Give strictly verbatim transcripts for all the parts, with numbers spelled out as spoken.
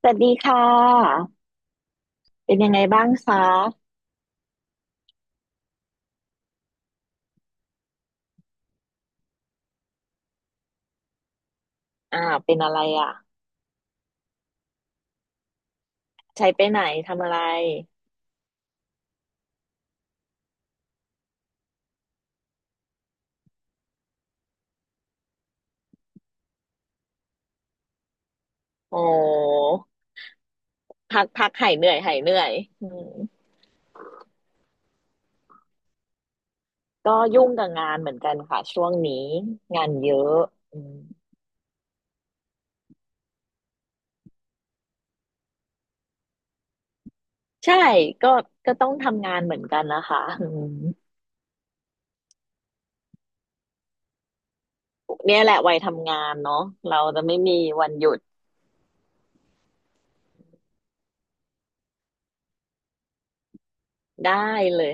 สวัสดีค่ะเป็นยังไงบ้างคะอ่าเป็นอะไรอ่ะ ใช้ไปไหนทำอะไร โอ้พักพักหายเหนื่อยหายเหนื่อยอืมก็ยุ่งกับงานเหมือนกันค่ะช่วงนี้งานเยอะอืมใช่ก็ก็ต้องทำงานเหมือนกันนะคะอืมเนี่ยแหละวัยทำงานเนาะเราจะไม่มีวันหยุดได้เลย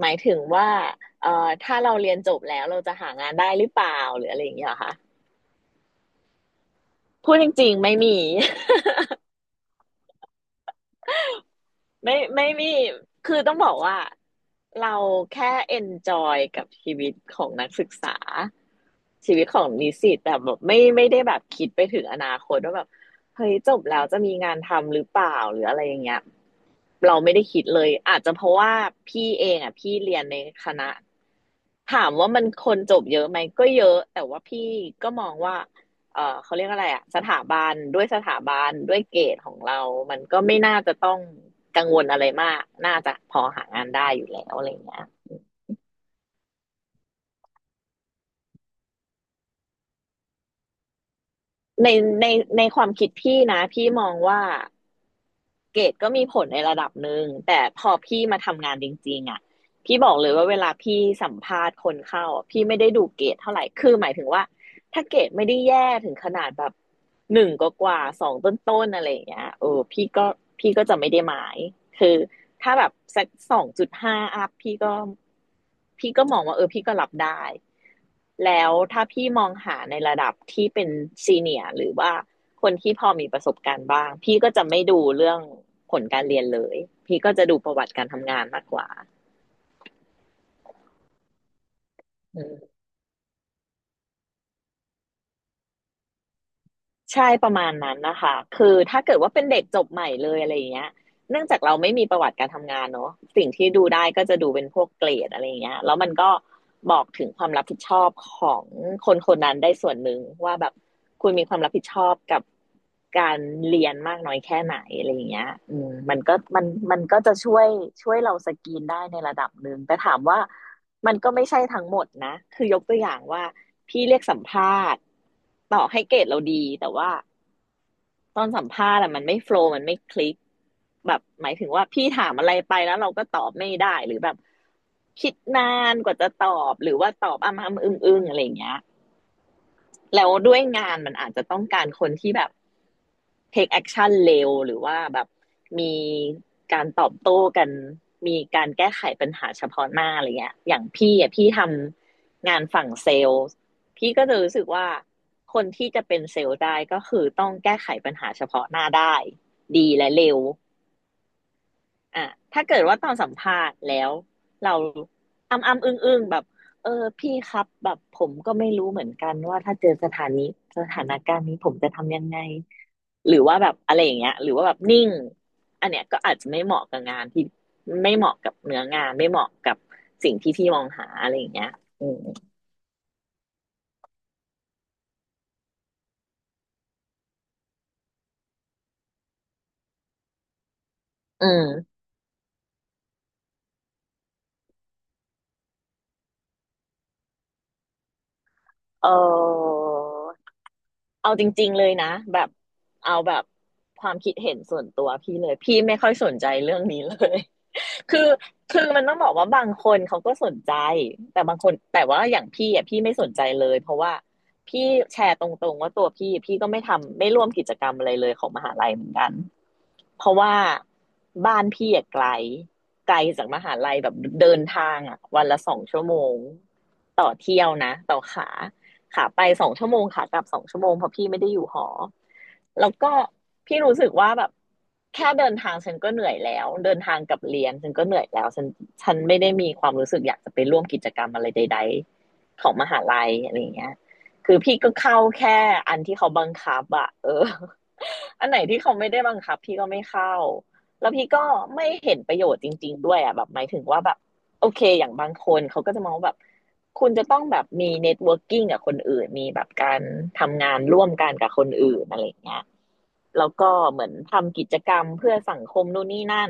หมายถึงว่าเอ่อถ้าเราเรียนจบแล้วเราจะหางานได้หรือเปล่าหรืออะไรอย่างเงี้ยเหรอค่ะพูดจริงๆไม่มี ไม่ไม่มี คือต้องบอกว่าเราแค่เอนจอยกับชีวิตของนักศึกษาชีวิตของนิสิตแต่แบบไม่ไม่ได้แบบคิดไปถึงอนาคตว่าแบบเฮ้ยจบแล้วจะมีงานทำหรือเปล่าหรืออะไรอย่างเงี้ยเราไม่ได้คิดเลยอาจจะเพราะว่าพี่เองอ่ะพี่เรียนในคณะถามว่ามันคนจบเยอะไหมก็เยอะแต่ว่าพี่ก็มองว่า เอ่อเขาเรียกอะไรอ่ะสถาบันด้วยสถาบันด้วยเกรดของเรามันก็ไม่น่าจะต้องกังวลอะไรมากน่าจะพอหางานได้อยู่แล้วอะไรเงี้ยในในในความคิดพี่นะพี่มองว่า เกรดก็มีผลในระดับหนึ่งแต่พอพี่มาทำงานจริงๆอ่ะพี่บอกเลยว่าเวลาพี่สัมภาษณ์คนเข้าพี่ไม่ได้ดูเกรดเท่าไหร่คือหมายถึงว่าถ้าเกรดไม่ได้แย่ถึงขนาดแบบหนึ่งกว่าสองต้นๆอะไรอย่างเงี้ยเออพี่ก็พี่ก็จะไม่ได้หมายคือถ้าแบบสักสองจุดห้าอัพพี่ก็พี่ก็มองว่าเออพี่ก็รับได้แล้วถ้าพี่มองหาในระดับที่เป็นซีเนียร์หรือว่า คนที่พอมีประสบการณ์บ้างพี่ก็จะไม่ดูเรื่องผลการเรียนเลยพี่ก็จะดูประวัติการทำงานมากกว่าใช่ประมาณนั้นนะคะคือถ้าเกิดว่าเป็นเด็กจบใหม่เลยอะไรอย่างเงี้ย เนื่องจากเราไม่มีประวัติการทำงานเนอะสิ่งที่ดูได้ก็จะดูเป็นพวกเกรดอะไรอย่างเงี้ยแล้วมันก็บอกถึงความรับผิดชอบของคนคนนั้นได้ส่วนหนึ่งว่าแบบคุณมีความรับผิดชอบกับการเรียนมากน้อยแค่ไหนอะไรอย่างเงี้ยอืมมันก็มันมันก็จะช่วยช่วยเราสกรีนได้ในระดับหนึ่งแต่ถามว่ามันก็ไม่ใช่ทั้งหมดนะคือยกตัวอย่างว่าพี่เรียกสัมภาษณ์ต่อให้เกรดเราดีแต่ว่า ตอนสัมภาษณ์อะมันไม่โฟลว์มันไม่คลิกแบบหมายถึงว่าพี่ถามอะไรไปแล้วเราก็ตอบไม่ได้หรือแบบคิดนานกว่าจะตอบหรือว่าตอบอ้ำออึ้งอึ้งอะไรอย่างเงี้ย แล้วด้วยงานมันอาจจะต้องการคนที่แบบ take action เร็วหรือว่าแบบมีการตอบโต้กันมีการแก้ไขปัญหาเฉพาะหน้าอะไรเงี้ยอย่างพี่อ่ะพี่ทำงานฝั่งเซลล์พี่ก็จะรู้สึกว่าคนที่จะเป็นเซลล์ได้ก็คือต้องแก้ไขปัญหาเฉพาะหน้าได้ดีและเร็ว อ่ะถ้าเกิดว่าตอนสัมภาษณ์แล้วเราอำอำอึ้งอึ้งแบบเออพี่ครับแบบผมก็ไม่รู้เหมือนกันว่าถ้าเจอสถานีสถานการณ์นี้ผมจะทำยังไงหรือว่าแบบอะไรอย่างเงี้ยหรือว่าแบบนิ่งอันเนี้ยก็อาจจะไม่เหมาะกับงานที่ไม่เหมาะกับเนื้องานไม่เหมาะกับสิ่งที่พี่มองหาอะไรอย่างเงี้ยอืมอืมเออเอาจริงๆเลยนะแบบเอาแบบความคิดเห็นส่วนตัวพี่เลยพี่ไม่ค่อยสนใจเรื่องนี้เลย คือคือมันต้องบอกว่าบางคนเขาก็สนใจแต่บางคนแต่ว่าอย่างพี่อ่ะพี่ไม่สนใจเลยเพราะว่าพี่แชร์ตรงๆว่าตัวพี่พี่ก็ไม่ทำไม่ร่วมกิจกรรมอะไรเลยของมหาลัยเหมือนกันเพราะว่าบ้านพี่อ่ะไกลไกลจากมหาลัยแบบเดินทางอ่ะวันละสองชั่วโมงต่อเที่ยวนะต่อขา ขาไปสองชั่วโมงขากลับสองชั่วโมงเพราะพี่ไม่ได้อยู่หอแล้วก็พี่รู้สึกว่าแบบแค่เดินทางฉันก็เหนื่อยแล้วเดินทางกับเรียนฉันก็เหนื่อยแล้วฉันฉันไม่ได้มีความรู้สึกอยากจะไปร่วมกิจกรรมอะไรใดๆของมหาลัยอะไรอย่างเงี้ยคือพี่ก็เข้าแค่อันที่เขาบังคับอะเออ อันไหนที่เขาไม่ได้บังคับพี่ก็ไม่เข้าแล้วพี่ก็ไม่เห็นประโยชน์จริงๆด้วยอะแบบหมายถึงว่าแบบโอเคอย่างบางคนเขาก็จะมองแบบ คุณจะต้องแบบมี networking กงกับคนอื่น มีแบบการทำงานร่วมกันกับคนอื่นอะไรเงี้ย แล้วก็เหมือนทำกิจกรรมเพื่อสังคมนู่นนี่นั่น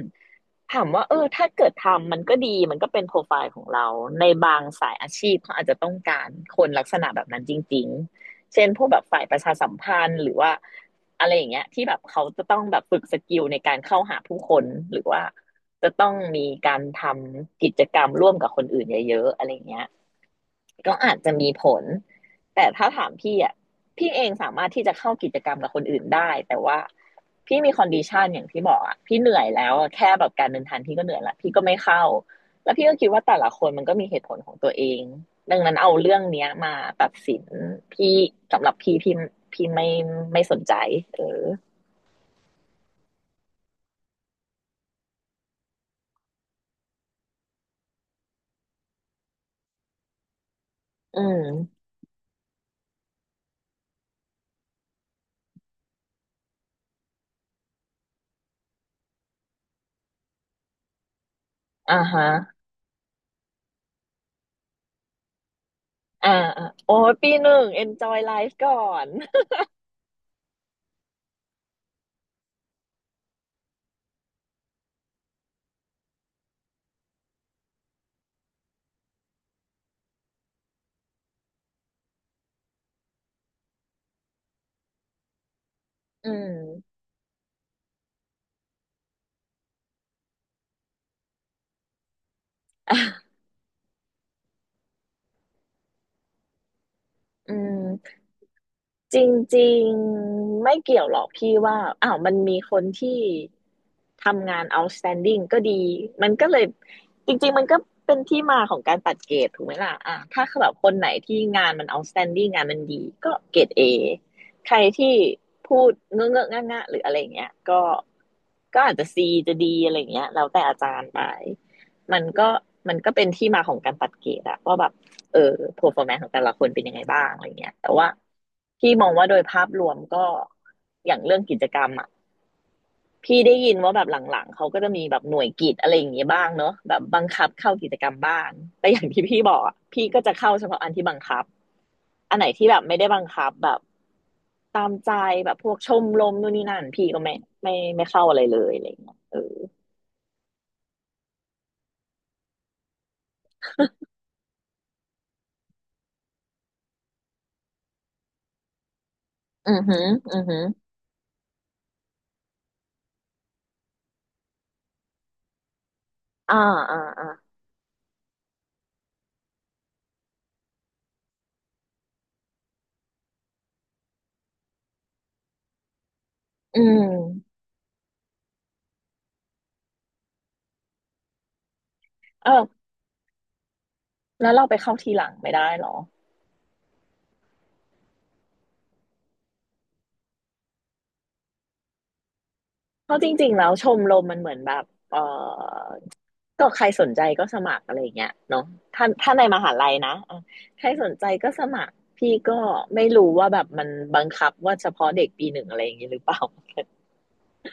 ถามว่าเออถ้าเกิดทำมันก็ดีมันก็เป็นโปรไฟล์ของเราในบางสายอาชีพเขาอาจจะต้องการคนลักษณะแบบนั้นจริงๆเช่นพวกแบบฝ่ายประชาสัมพันธ์หรือว่าอะไรอย่างเงี้ยที่แบบเขาจะต้องแบบฝึกสกิลในการเข้าหาผู้คนหรือว่าจะต้องมีการทำกิจกรรมร่วมกับคนอื่นเยอะๆอะไรอย่างเงี้ยก็อาจจะมีผล แต่ถ้าถามพี่อ่ะพี่เองสามารถที่จะเข้ากิจกรรมกับคนอื่นได้แต่ว่าพี่มีคอนดิชันอย่างที่บอกอ่ะพี่เหนื่อยแล้วแค่แบบการเดินทางพี่ก็เหนื่อยละพี่ก็ไม่เข้าแล้วพี่ก็คิดว่าแต่ละคนมันก็มีเหตุผลของตัวเองดังนั้นเอาเรื่องเนี้ยมาตัดสินพี่สำหรับพี่พี่พี่ไม่ไม่สนใจเอออืมอ่าฮะอ่าอ่าโอ้ยปีหนึ่ง enjoy life ก่อนอืมอ่ะอืม จริงๆไม่เกี่ยวหรอกพี่ว่าอ้าวมันมีคนที่ทำงาน outstanding ก็ดีมันก็เลยจริงๆมันก็เป็นที่มาของการตัดเกรดถูกไหมล่ะอ่ะถ้าแบบคนไหนที่งานมัน outstanding งานมันดีก็เกรด A ใครที่พูดเงอะเงอะงะงะหรืออะไรอย่างเงี้ยก็ก็อาจจะ C จะ D อะไรอย่างเงี้ยแล้วแต่อาจารย์ไปมันก็มันก็เป็นที่มาของการตัดเกรดอะว่าแบบ เออ performance ของแต่ละคนเป็นยังไงบ้างอะไรเงี้ยแต่ว่าพี่มองว่าโดยภาพรวมก็อย่างเรื่องกิจกรรมอ่ะพี่ได้ยินว่าแบบหลังๆเขาก็จะมีแบบหน่วยกิจอะไรอย่างเงี้ยบ้างเนอะแบบบังคับเข้ากิจกรรมบ้างแต่อย่างที่พี่บอกอะพี่ก็จะเข้าเฉพาะอันที่บังคับอันไหนที่แบบไม่ได้บังคับแบบตามใจแบบพวกชมรมนู่นนี่นั่นพี่ก็ไม่ไม่ไม่เข้าอะไรเลยอะไรเงี้ยเอออือหืออือหืออ่าอ่าอ่าอืมเออแล้วเราไปเข้าทีหลังไม่ได้เหรอ เพราะจริงๆ แล้วชมรมมันเหมือนแบบเออก็ใครสนใจก็สมัครอะไรอย่างเงี้ยเนาะถ้าถ้าในมหาลัยนะอ่ะใครสนใจก็สมัครพี่ก็ไม่รู้ว่าแบบมันบังคับว่าเฉพาะเด็กปีหนึ่งอะไรอย่างงี้หรือเปล่า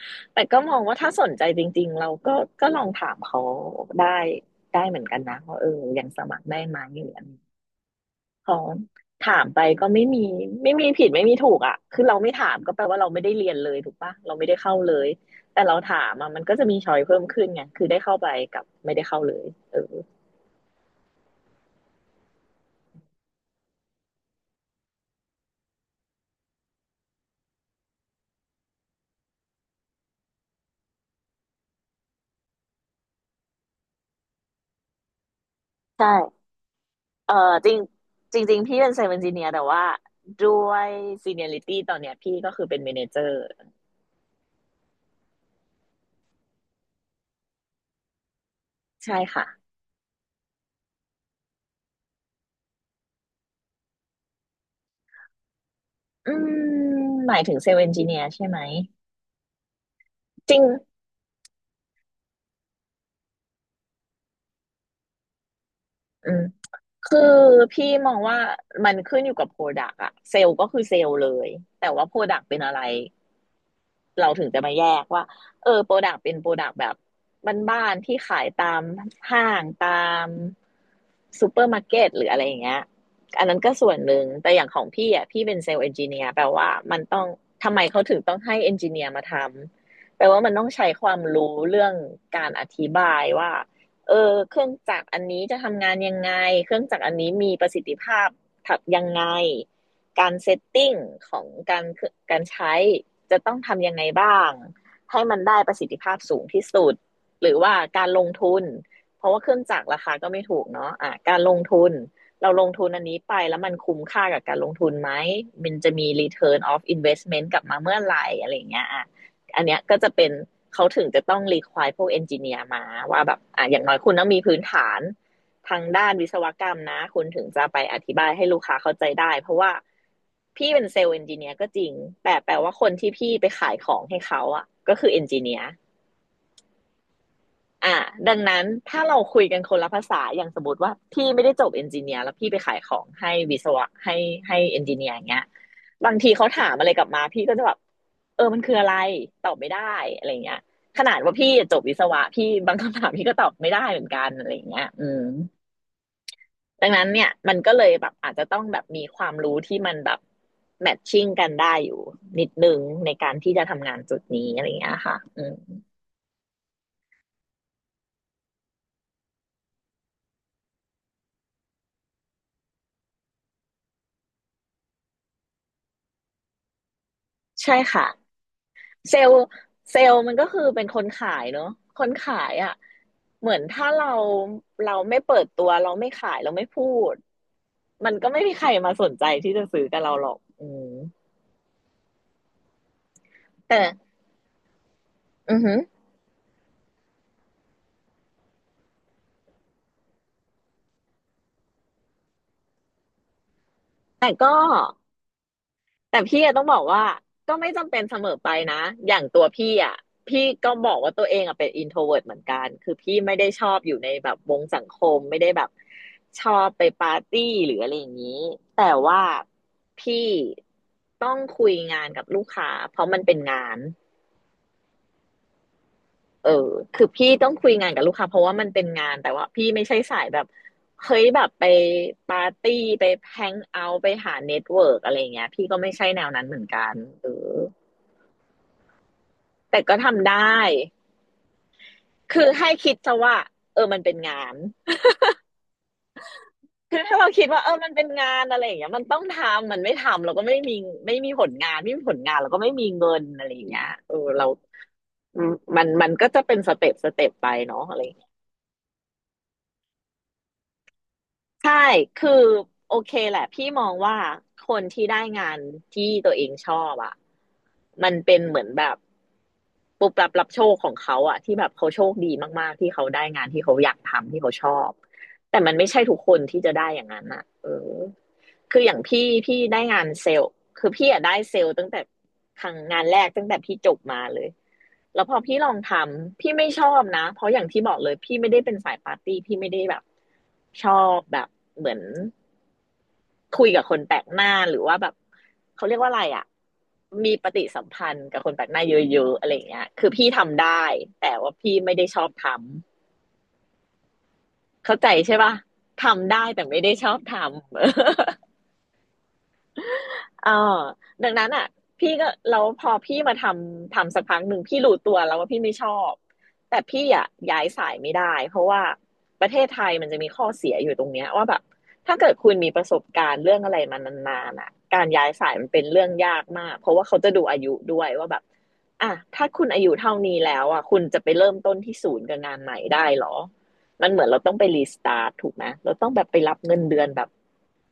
แต่ก็มองว่าถ้าสนใจจริงๆเราก็ก็ลองถามเขาได้ได้เหมือนกันนะว่าเออยังสมัครได้ไหมหรืออะไร ของถามไปก็ไม่มีไม่มีผิดไม่มีถูกอ่ะคือเราไม่ถามก็แปลว่าเราไม่ได้เรียนเลยถูกปะเราไม่ได้เข้าเลย แต่เราถามอ่ะมันก็จะมีช้อยเพิ่มขึ้นไงคือได้เข้าไปกับไม่ได้เข้าเลยเออใช่เออจริงจริงๆพี่เป็นเซลล์เอนจิเนียร์แต่ว่าด้วยซีเนียริตี้ตอนเนี้ยพี่ก็คือเป็นเมเนเจอร์ใช่ค่ะอืมหมายถึงเซลล์เอนจิเนียร์ใช่ไหมจริงอืมคือพี่มองว่ามันขึ้นอยู่กับโปรดักต์อะเซลล์ก็คือเซลล์เลยแต่ว่าโปรดักต์เป็นอะไร เราถึงจะมาแยกว่าเออโปรดักต์เป็นโปรดักต์แบบบ้านๆที่ขายตามห้างตามซูเปอร์มาร์เก็ตหรืออะไรอย่างเงี้ยอันนั้นก็ส่วนหนึ่งแต่อย่างของพี่อ่ะพี่เป็นเซลล์เอนจิเนียร์แปลว่ามันต้องทำไมเขาถึงต้องให้เอนจิเนียร์มาทำแปลว่ามันต้องใช้ความรู้เรื่องการอธิบายว่าเออเครื่องจักรอันนี้จะทำงานยังไงเครื่องจักรอันนี้มีประสิทธิภาพถักยังไงการเซตติ้งของการการใช้ จะต้องทำยังไงบ้างให้มันได้ประสิทธิภาพสูงที่สุดหรือว่าการลงทุนเพราะว่าเครื่องจักรราคาก็ไม่ถูกเนาะอ่ะการลงทุนเราลงทุนอันนี้ไปแล้วมันคุ้มค่ากับการลงทุนไหมมันจะมี return of investment กลับมาเมื่อไหร่อะไรอย่างเงี้ยอ่ะอันเนี้ยก็จะเป็นเขาถึงจะต้องรี u i r e พวกเอนจิเนียร์มาว่าแบบอ่ะอย่างน้อยคุณต้องมีพื้นฐาน ทางด้านวิศวกรรมนะคุณถึงจะไปอธิบายให้ลูกค้าเข้าใจได้เพราะว่าพี่เป็นเซลล์เอนจิเนียร์ก็จริงแต่แปลว่าคนที่พี่ไปขายของให้เขาอ่ะก็คือเอนจิเนียร์อ่ะดังนั้นถ้าเราคุยกันคนละภาษาอย่างสมมติว่าพี่ไม่ได้จบเอนจิเนียร์แล้วพี่ไปขายของให้วิศวะให้ให้เอนจิเนียร์อย่างเงี้ยบางทีเขาถามอะไรกลับมาพี่ก็จะแบบเออมันคืออะไรตอบไม่ได้อะไรเงี้ยขนาดว่าพี่จบวิศวะพี่บางคำถามพี่ก็ตอบไม่ได้เหมือนกันอะไรเงี้ยอืม ดังนั้นเนี่ยมันก็เลยแบบอาจจะต้องแบบมีความรู้ที่มันแบบแมทชิ่งกันได้อยู่นิดนึงในการที่จะทำงานจุดนี้อะไรอย่างเงี้ยค่ะอืมใช่ค่ะเซลล์เซลล์มันก็คือเป็นคนขายเนอะคนขายอ่ะเหมือนถ้าเราเราไม่เปิดตัวเราไม่ขายเราไม่พูดมันก็ไม่มีใครมาสนใจที่จะซื้อกับเราหรอกอืมแต่อือหแต่ก็ แต่พี่อะต้องบอกว่าก็ไม่จำเป็นเสมอไปนะอย่างตัวพี่อะพี่ก็บอกว่าตัวเองอะเป็น introvert เหมือนกันคือพี่ไม่ได้ชอบอยู่ในแบบวงสังคมไม่ได้แบบชอบไปปาร์ตี้หรืออะไรอย่างนี้แต่ว่าพี่ต้องคุยงานกับลูกค้าเพราะมันเป็นงานเออคือพี่ต้องคุยงานกับลูกค้าเพราะว่ามันเป็นงานแต่ว่าพี่ไม่ใช่สายแบบเฮ้ยแบบไปปาร์ตี้ไปแฮงเอาท์ไปหาเน็ตเวิร์กอะไรเงี้ยพี่ก็ไม่ใช่แนวนั้นเหมือนกันเออ แต่ก็ทำได้ คือให้คิดซะว่าเออมันเป็นงาน คือถ้าเราคิดว่าเออมันเป็นงานอะไรอย่างเงี้ยมันต้องทำมันไม่ทำเราก็ไม่มีไม่มีผลงานไม่มีผลงานเราก็ไม่มีเงินอะไรอย่างเงี้ยเออเรามันมันก็จะเป็นสเต็ปสเต็ปไปเนาะอะไร ใช่คือโอเคแหละพี่มองว่าคนที่ได้งานที่ตัวเองชอบอ่ะมันเป็นเหมือนแบบปุบปับรับโชคของเขาอ่ะที่แบบเขาโชคดีมากๆที่เขาได้งานที่เขาอยากทำที่เขาชอบ แต่มันไม่ใช่ทุกคนที่จะได้อย่างนั้นอ่ะเออ คืออย่างพี่พี่ได้งานเซลล์คือพี่อะได้เซลล์ตั้งแต่ครั้งงานแรกตั้งแต่พี่จบมาเลยแล้วพอพี่ลองทำพี่ไม่ชอบนะเพราะอย่างที่บอกเลยพี่ไม่ได้เป็นสายปาร์ตี้พี่ไม่ได้แบบชอบแบบเหมือนคุยกับคนแปลกหน้าหรือว่าแบบเขาเรียกว่าอะไรอะมีปฏิสัมพันธ์กับคนแปลกหน้าเยอะๆอะไรอย่างเงี้ยคือพี่ทำได้แต่ว่าพี่ไม่ได้ชอบทำเข้าใจใช่ปะทำได้แต่ไม่ได้ชอบทำ เออดังนั้นอ่ะพี่ก็แล้วพอพี่มาทำทำสักพักหนึ่งพี่รู้ตัวแล้วว่าพี่ไม่ชอบแต่พี่อ่ะย้ายสายไม่ได้เพราะว่าประเทศไทยมันจะมีข้อเสียอยู่ตรงเนี้ยว่าแบบถ้าเกิดคุณมีประสบการณ์เรื่องอะไรมานานๆอ่ะการย้ายสายมันเป็นเรื่องยากมากเพราะว่าเขาจะดูอายุด้วยว่าแบบอ่ะถ้าคุณอายุเท่านี้แล้วอ่ะคุณจะไปเริ่มต้นที่ศูนย์กับงานใหม่ได้เหรอ มันเหมือนเราต้องไปรีสตาร์ทถูกไหมเราต้องแบบไปรับเงินเดือนแบบ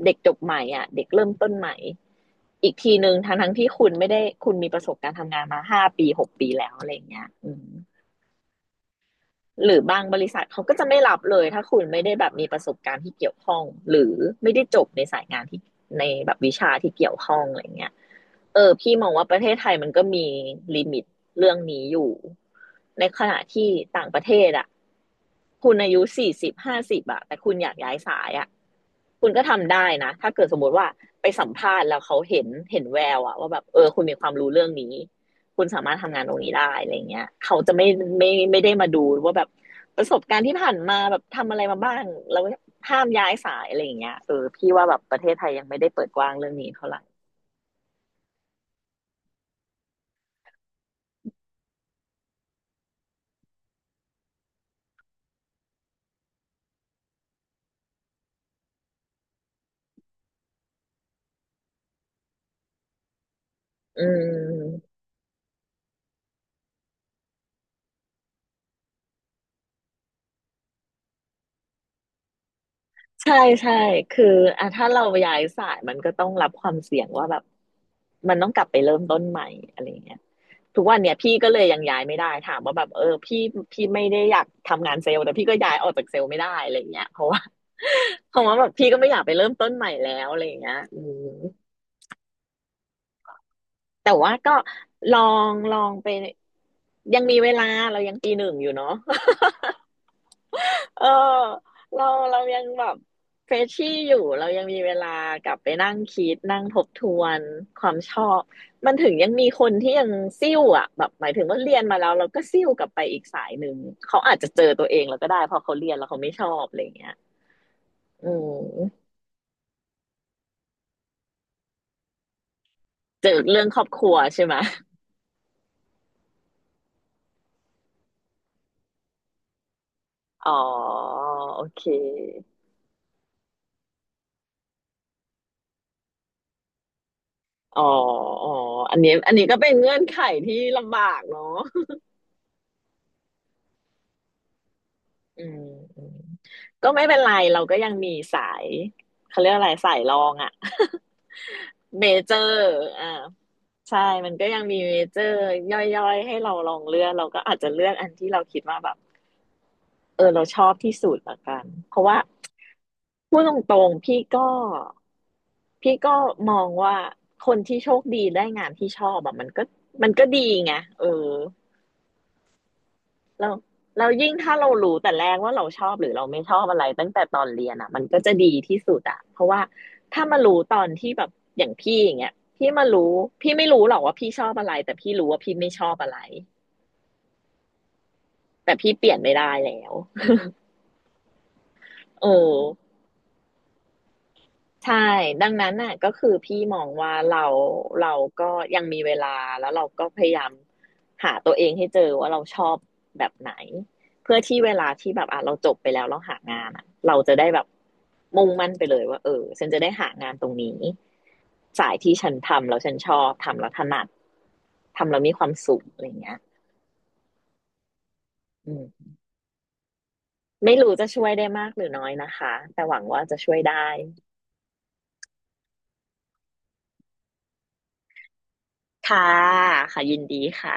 เด็กจบใหม่อ่ะเด็กเริ่มต้นใหม่อีกทีหนึ่งทั้งทั้งที่คุณไม่ได้คุณมีประสบการณ์ทำงานมาห้าปีหกปีแล้วอะไรอย่างเงี้ยอืม หรือบางบริษัทเขาก็จะไม่รับเลยถ้าคุณไม่ได้แบบมีประสบการณ์ที่เกี่ยวข้องหรือไม่ได้จบในสายงานที่ในแบบวิชาที่เกี่ยวข้องอะไรเงี้ยเออพี่มองว่าประเทศไทยมันก็มีลิมิตเรื่องนี้อยู่ในขณะที่ต่างประเทศอ่ะคุณอายุสี่สิบห้าสิบอะแต่คุณอยากย้ายสายอะคุณก็ทำได้นะถ้าเกิดสมมติว่าไปสัมภาษณ์แล้วเขาเห็นเห็นแววอะว่าแบบเออคุณมีความรู้เรื่องนี้ คุณสามารถทำงานตรงนี้ได้อะไรเงี้ยเขาจะไม่ไม่ไม่ได้มาดูว่าแบบประสบการณ์ที่ผ่านมาแบบทำอะไรมาบ้างแล้วห้ามย้ายสายอะไรอย่างเงี้ยเออพี่ว่าแบบประเทศไทยยังไม่ได้เปิดกว้างเรื่องนี้เท่าไหร่อืม ใช่ใช่คืออ่ะถ้าเราย้ายสายมันก็ต้องรับความเสี่ยงว่าแบบมันต้องกลับไปเริ่มต้นใหม่อะไรอย่างเงี้ยทุกวันเนี่ยพี่ก็เลยยังย้ายไม่ได้ถามว่าแบบเออพี่พี่ไม่ได้อยากทำงานเซลล์แต่พี่ก็ย้ายออกจากเซลล์ไม่ได้อะไรอย่างเงี้ยเพราะว่า เพราะว่าแบบพี่ก็ไม่อยากไปเริ่มต้นใหม่แล้วอะไรอย่างเงี้ยอืมแต่ว่าก็ลองลองไป ยังมีเวลาเรายังปีหนึ่งอยู่เนาะ เออเราเรายังแบบเฟรชชี่อยู่เรายังมีเวลากลับไปนั่งคิดนั่งทบทวนความชอบมันถึงยังมีคนที่ยังซิ่วอ่ะแบบหมายถึงว่าเรียนมาแล้วเราก็ซิ่วกลับไปอีกสายหนึ่งเขาอาจจะเจอตัวเองแล้วก็ได้เพอเขาเรียนแล้วเขาไม่ชอบอะไรอย่างเงี้ยอืมเจอเรื่องครอบครัวใช่ไหมอ๋อโอเคอ๋ออ๋ออันนี้อันนี้ก็เป็นเงื่อนไขที่ลำบากเนาะ อืมอืมก็ไม่เป็นไรเราก็ยังมีสายเขาเรียกอะไรสายรองอะ เมเจอร์อ่าใช่มันก็ยังมีเมเจอร์ย่อยๆให้เราลองเลือกเราก็อาจจะเลือกอันที่เราคิดว่าแบบเออเราชอบที่สุดละกันเพราะว่าพูดตรงๆพี่ก็พี่ก็มองว่าคนที่โชคดีได้งานที่ชอบแบบมันก็มันก็ดีไงเออ เราเรายิ่งถ้าเรารู้แต่แรกว่าเราชอบหรือเราไม่ชอบอะไรตั้งแต่ตอนเรียนอ่ะมันก็จะดีที่สุดอ่ะเพราะว่าถ้ามารู้ตอนที่แบบอย่างพี่อย่างเงี้ยพี่มารู้พี่ไม่รู้หรอกว่าพี่ชอบอะไรแต่พี่รู้ว่าพี่ไม่ชอบอะไรแต่พี่เปลี่ยนไม่ได้แล้วเออ ใช่ดังนั้นน่ะก็คือพี่มองว่าเราเราก็ยังมีเวลาแล้วเราก็พยายามหาตัวเองให้เจอว่าเราชอบแบบไหนเพื่อที่เวลาที่แบบอ่ะเราจบไปแล้วเราหางานอ่ะเราจะได้แบบมุ่งมั่นไปเลยว่าเออฉันจะได้หางานตรงนี้สายที่ฉันทำแล้วฉันชอบทำแล้วถนัดทำแล้วมีความสุขอะไรเงี้ยอืมไม่รู้จะช่วยได้มากหรือน้อยนะคะแต่หวังว่าจะช่วยได้ค่ะค่ะยินดีค่ะ